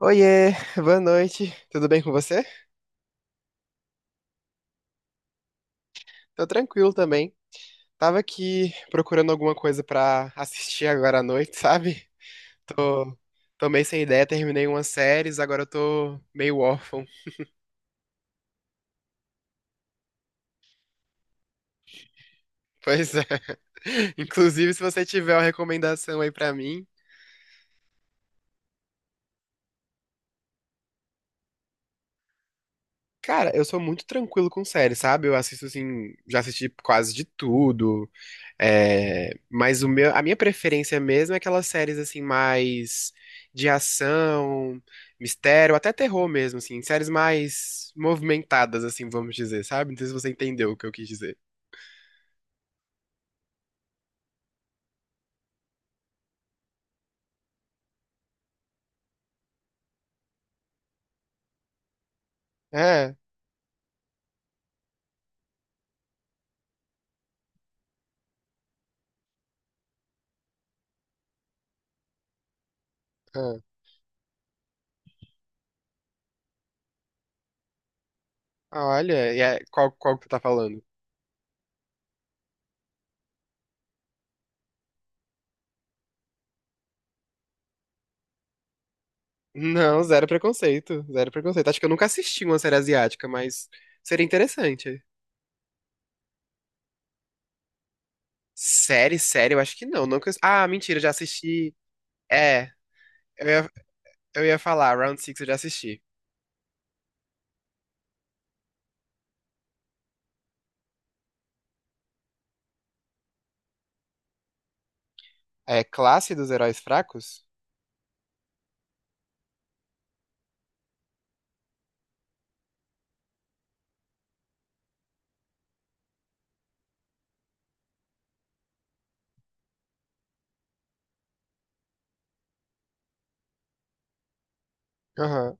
Oiê, boa noite. Tudo bem com você? Tô tranquilo também. Tava aqui procurando alguma coisa pra assistir agora à noite, sabe? Tô, tô meio sem ideia, terminei umas séries, agora eu tô meio órfão. Pois é. Inclusive, se você tiver uma recomendação aí pra mim. Cara, eu sou muito tranquilo com séries, sabe? Eu assisto assim, já assisti quase de tudo. É, mas a minha preferência mesmo é aquelas séries assim mais de ação, mistério, até terror mesmo, assim, séries mais movimentadas, assim, vamos dizer, sabe? Não sei se você entendeu o que eu quis dizer. É, é. Ah, olha, e qual que tu tá falando? Não, zero preconceito, zero preconceito. Acho que eu nunca assisti uma série asiática, mas seria interessante. Série, eu acho que não. Nunca... Ah, mentira, já assisti. É, eu ia, eu ia falar, Round Six eu já assisti. É Classe dos Heróis Fracos? Aham.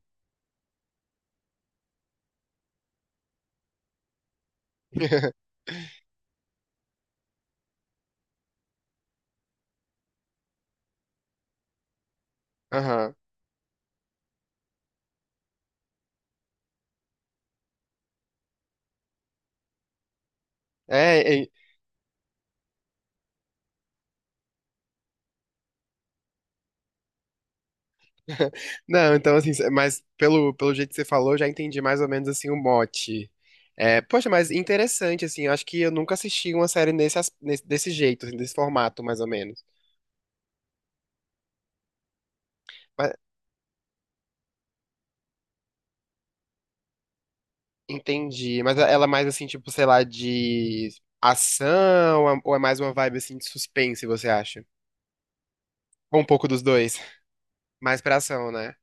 Aham. É, é- Não, então assim, mas pelo, pelo jeito que você falou, eu já entendi mais ou menos assim o mote. É, poxa, mas interessante, assim, eu acho que eu nunca assisti uma série desse jeito, assim, desse formato, mais ou menos. Mas, entendi, mas é, ela é mais assim, tipo, sei lá, de ação, ou é mais uma vibe assim de suspense, você acha? Ou um pouco dos dois? Mais pra ação, né?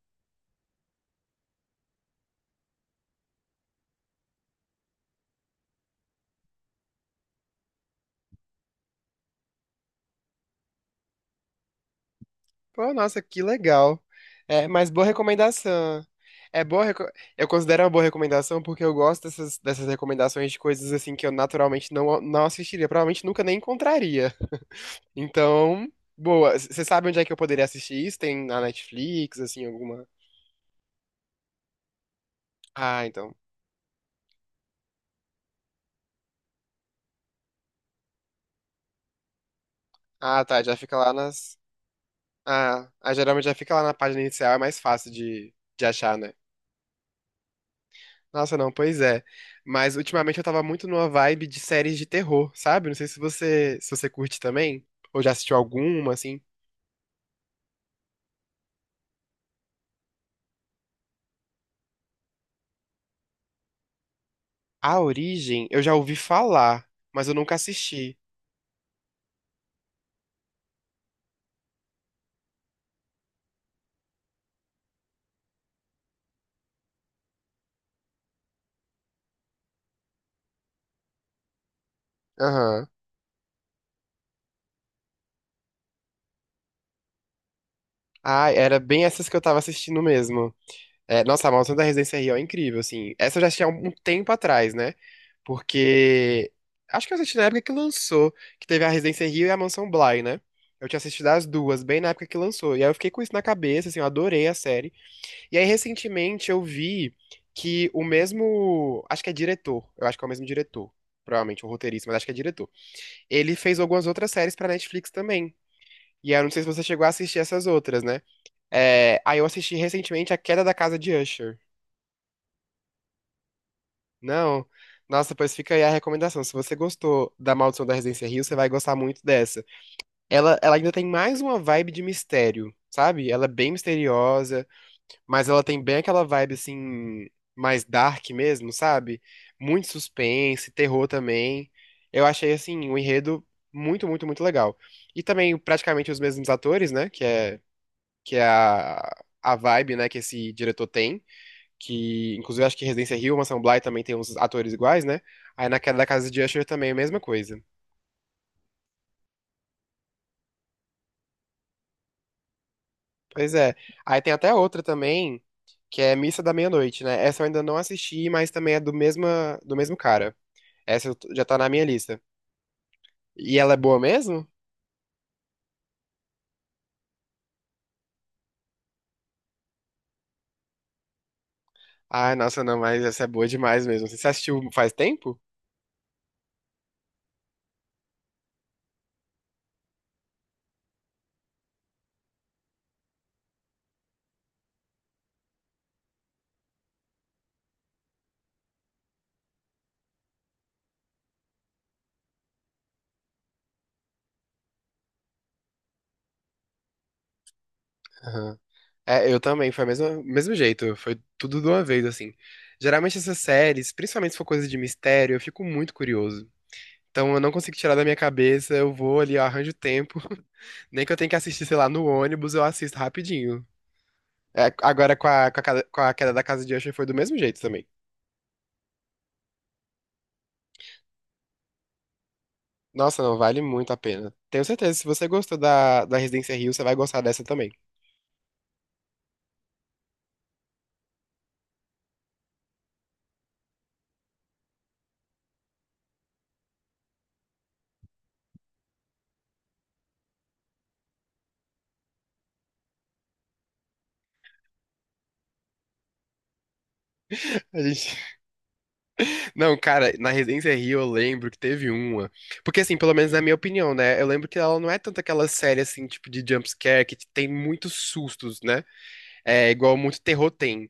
Pô, nossa, que legal. É, mas boa recomendação. É boa, eu considero uma boa recomendação porque eu gosto dessas, dessas recomendações de coisas assim que eu naturalmente não assistiria, provavelmente nunca nem encontraria. Então, boa. Você sabe onde é que eu poderia assistir isso? Tem na Netflix, assim, alguma? Ah, então. Ah, tá, já fica lá nas. Ah, ah, geralmente já fica lá na página inicial, é mais fácil de achar, né? Nossa, não, pois é. Mas ultimamente eu tava muito numa vibe de séries de terror, sabe? Não sei se você curte também, ou já assistiu alguma, assim. A Origem, eu já ouvi falar, mas eu nunca assisti. Aham. Ah, era bem essas que eu tava assistindo mesmo. É, nossa, a Maldição da Residência Hill é incrível, assim. Essa eu já assisti há um tempo atrás, né? Porque acho que eu assisti na época que lançou, que teve a Residência Hill e a Mansão Bly, né? Eu tinha assistido as duas, bem na época que lançou. E aí eu fiquei com isso na cabeça, assim, eu adorei a série. E aí, recentemente, eu vi que o mesmo. Acho que é diretor. Eu acho que é o mesmo diretor. Provavelmente o roteirista, mas acho que é diretor. Ele fez algumas outras séries pra Netflix também. E aí, eu não sei se você chegou a assistir essas outras, né? É, aí eu assisti recentemente A Queda da Casa de Usher. Não. Nossa, pois fica aí a recomendação. Se você gostou da Maldição da Residência Rio, você vai gostar muito dessa. Ela ainda tem mais uma vibe de mistério, sabe? Ela é bem misteriosa. Mas ela tem bem aquela vibe assim, mais dark mesmo, sabe? Muito suspense, terror também. Eu achei assim, o enredo muito, muito, muito legal. E também praticamente os mesmos atores, né? Que é a vibe, né, que esse diretor tem. Que, inclusive, acho que Residência Hill, Mansão Bly também tem uns atores iguais, né? Aí na Queda da Casa de Usher também é a mesma coisa. Pois é. Aí tem até outra também, que é Missa da Meia-Noite, né? Essa eu ainda não assisti, mas também é do mesmo cara. Essa eu já tá na minha lista. E ela é boa mesmo? Ah, nossa, não, mas essa é boa demais mesmo. Você assistiu faz tempo? Aham. É, eu também, foi o mesmo jeito, foi tudo de uma vez, assim. Geralmente essas séries, principalmente se for coisa de mistério, eu fico muito curioso. Então eu não consigo tirar da minha cabeça, eu vou ali, eu arranjo tempo. Nem que eu tenha que assistir, sei lá, no ônibus, eu assisto rapidinho. É, agora com a Queda da Casa de Usher foi do mesmo jeito também. Nossa, não, vale muito a pena. Tenho certeza, se você gostou da Residência Rio, você vai gostar dessa também. A gente... Não, cara, na Residência Rio eu lembro que teve uma. Porque, assim, pelo menos na minha opinião, né? Eu lembro que ela não é tanto aquela série, assim, tipo de jumpscare que tem muitos sustos, né? É igual muito terror tem.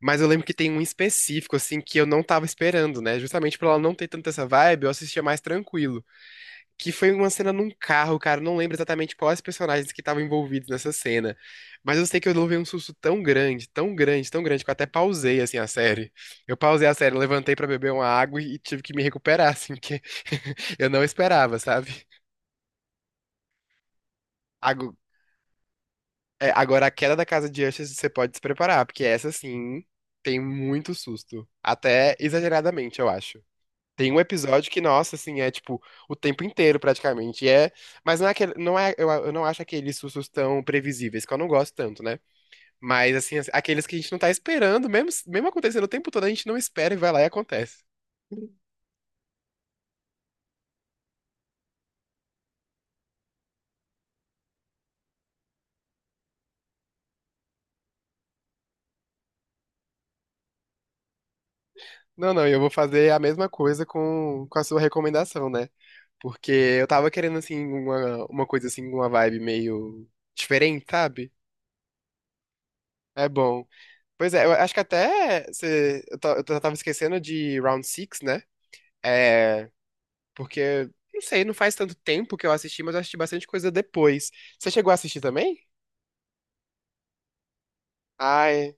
Mas eu lembro que tem um específico, assim, que eu não tava esperando, né? Justamente por ela não ter tanta essa vibe, eu assistia mais tranquilo, que foi uma cena num carro, cara. Eu não lembro exatamente quais personagens que estavam envolvidos nessa cena. Mas eu sei que eu levei um susto tão grande, tão grande, tão grande, que eu até pausei, assim, a série. Eu pausei a série, levantei pra beber uma água e tive que me recuperar, assim, porque eu não esperava, sabe? Ago- Agora, a Queda da Casa de Usher, você pode se preparar, porque essa, assim, tem muito susto. Até exageradamente, eu acho. Tem um episódio que, nossa, assim, é tipo o tempo inteiro praticamente. E é, mas não é aquele, eu não acho aqueles sustos tão previsíveis, que eu não gosto tanto, né? Mas assim, aqueles que a gente não tá esperando, mesmo, mesmo acontecendo o tempo todo, a gente não espera e vai lá e acontece. Não, não, eu vou fazer a mesma coisa com a sua recomendação, né? Porque eu tava querendo assim uma coisa assim, uma vibe meio diferente, sabe? É bom. Pois é, eu acho que até eu tava esquecendo de Round Six, né? É, porque, não sei, não faz tanto tempo que eu assisti, mas eu assisti bastante coisa depois. Você chegou a assistir também? Ai,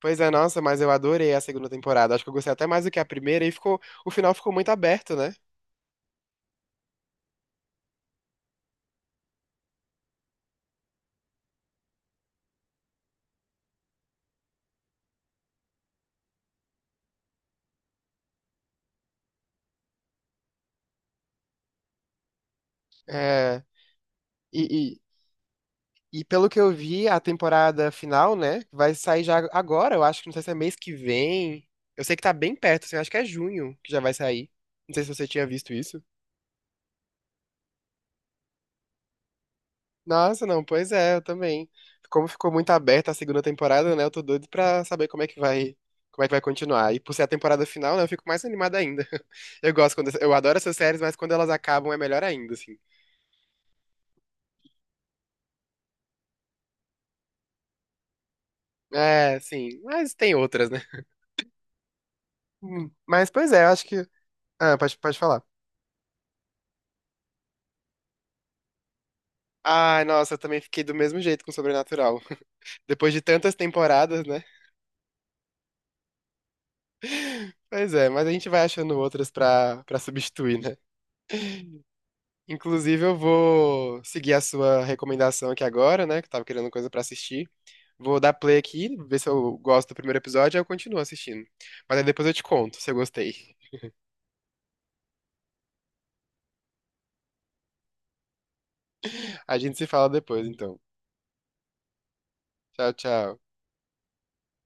pois é, nossa, mas eu adorei a segunda temporada. Acho que eu gostei até mais do que a primeira e ficou, o final ficou muito aberto, né? É, e, e, e pelo que eu vi, a temporada final, né, vai sair já agora, eu acho que não sei se é mês que vem. Eu sei que tá bem perto, assim, acho que é junho que já vai sair. Não sei se você tinha visto isso. Nossa, não, pois é, eu também. Como ficou muito aberta a segunda temporada, né? Eu tô doido pra saber como é que vai, como é que vai continuar. E por ser a temporada final, né, eu fico mais animada ainda. Eu gosto quando, eu adoro essas séries, mas quando elas acabam é melhor ainda, assim. É, sim, mas tem outras, né? Mas pois é, eu acho que, ah, pode, pode falar. Ai, nossa, eu também fiquei do mesmo jeito com Sobrenatural. Depois de tantas temporadas, né? Pois é, mas a gente vai achando outras pra substituir, né? Inclusive, eu vou seguir a sua recomendação aqui agora, né? Que eu tava querendo coisa pra assistir. Vou dar play aqui, ver se eu gosto do primeiro episódio, aí eu continuo assistindo. Mas aí depois eu te conto se eu gostei. A gente se fala depois, então. Tchau, tchau.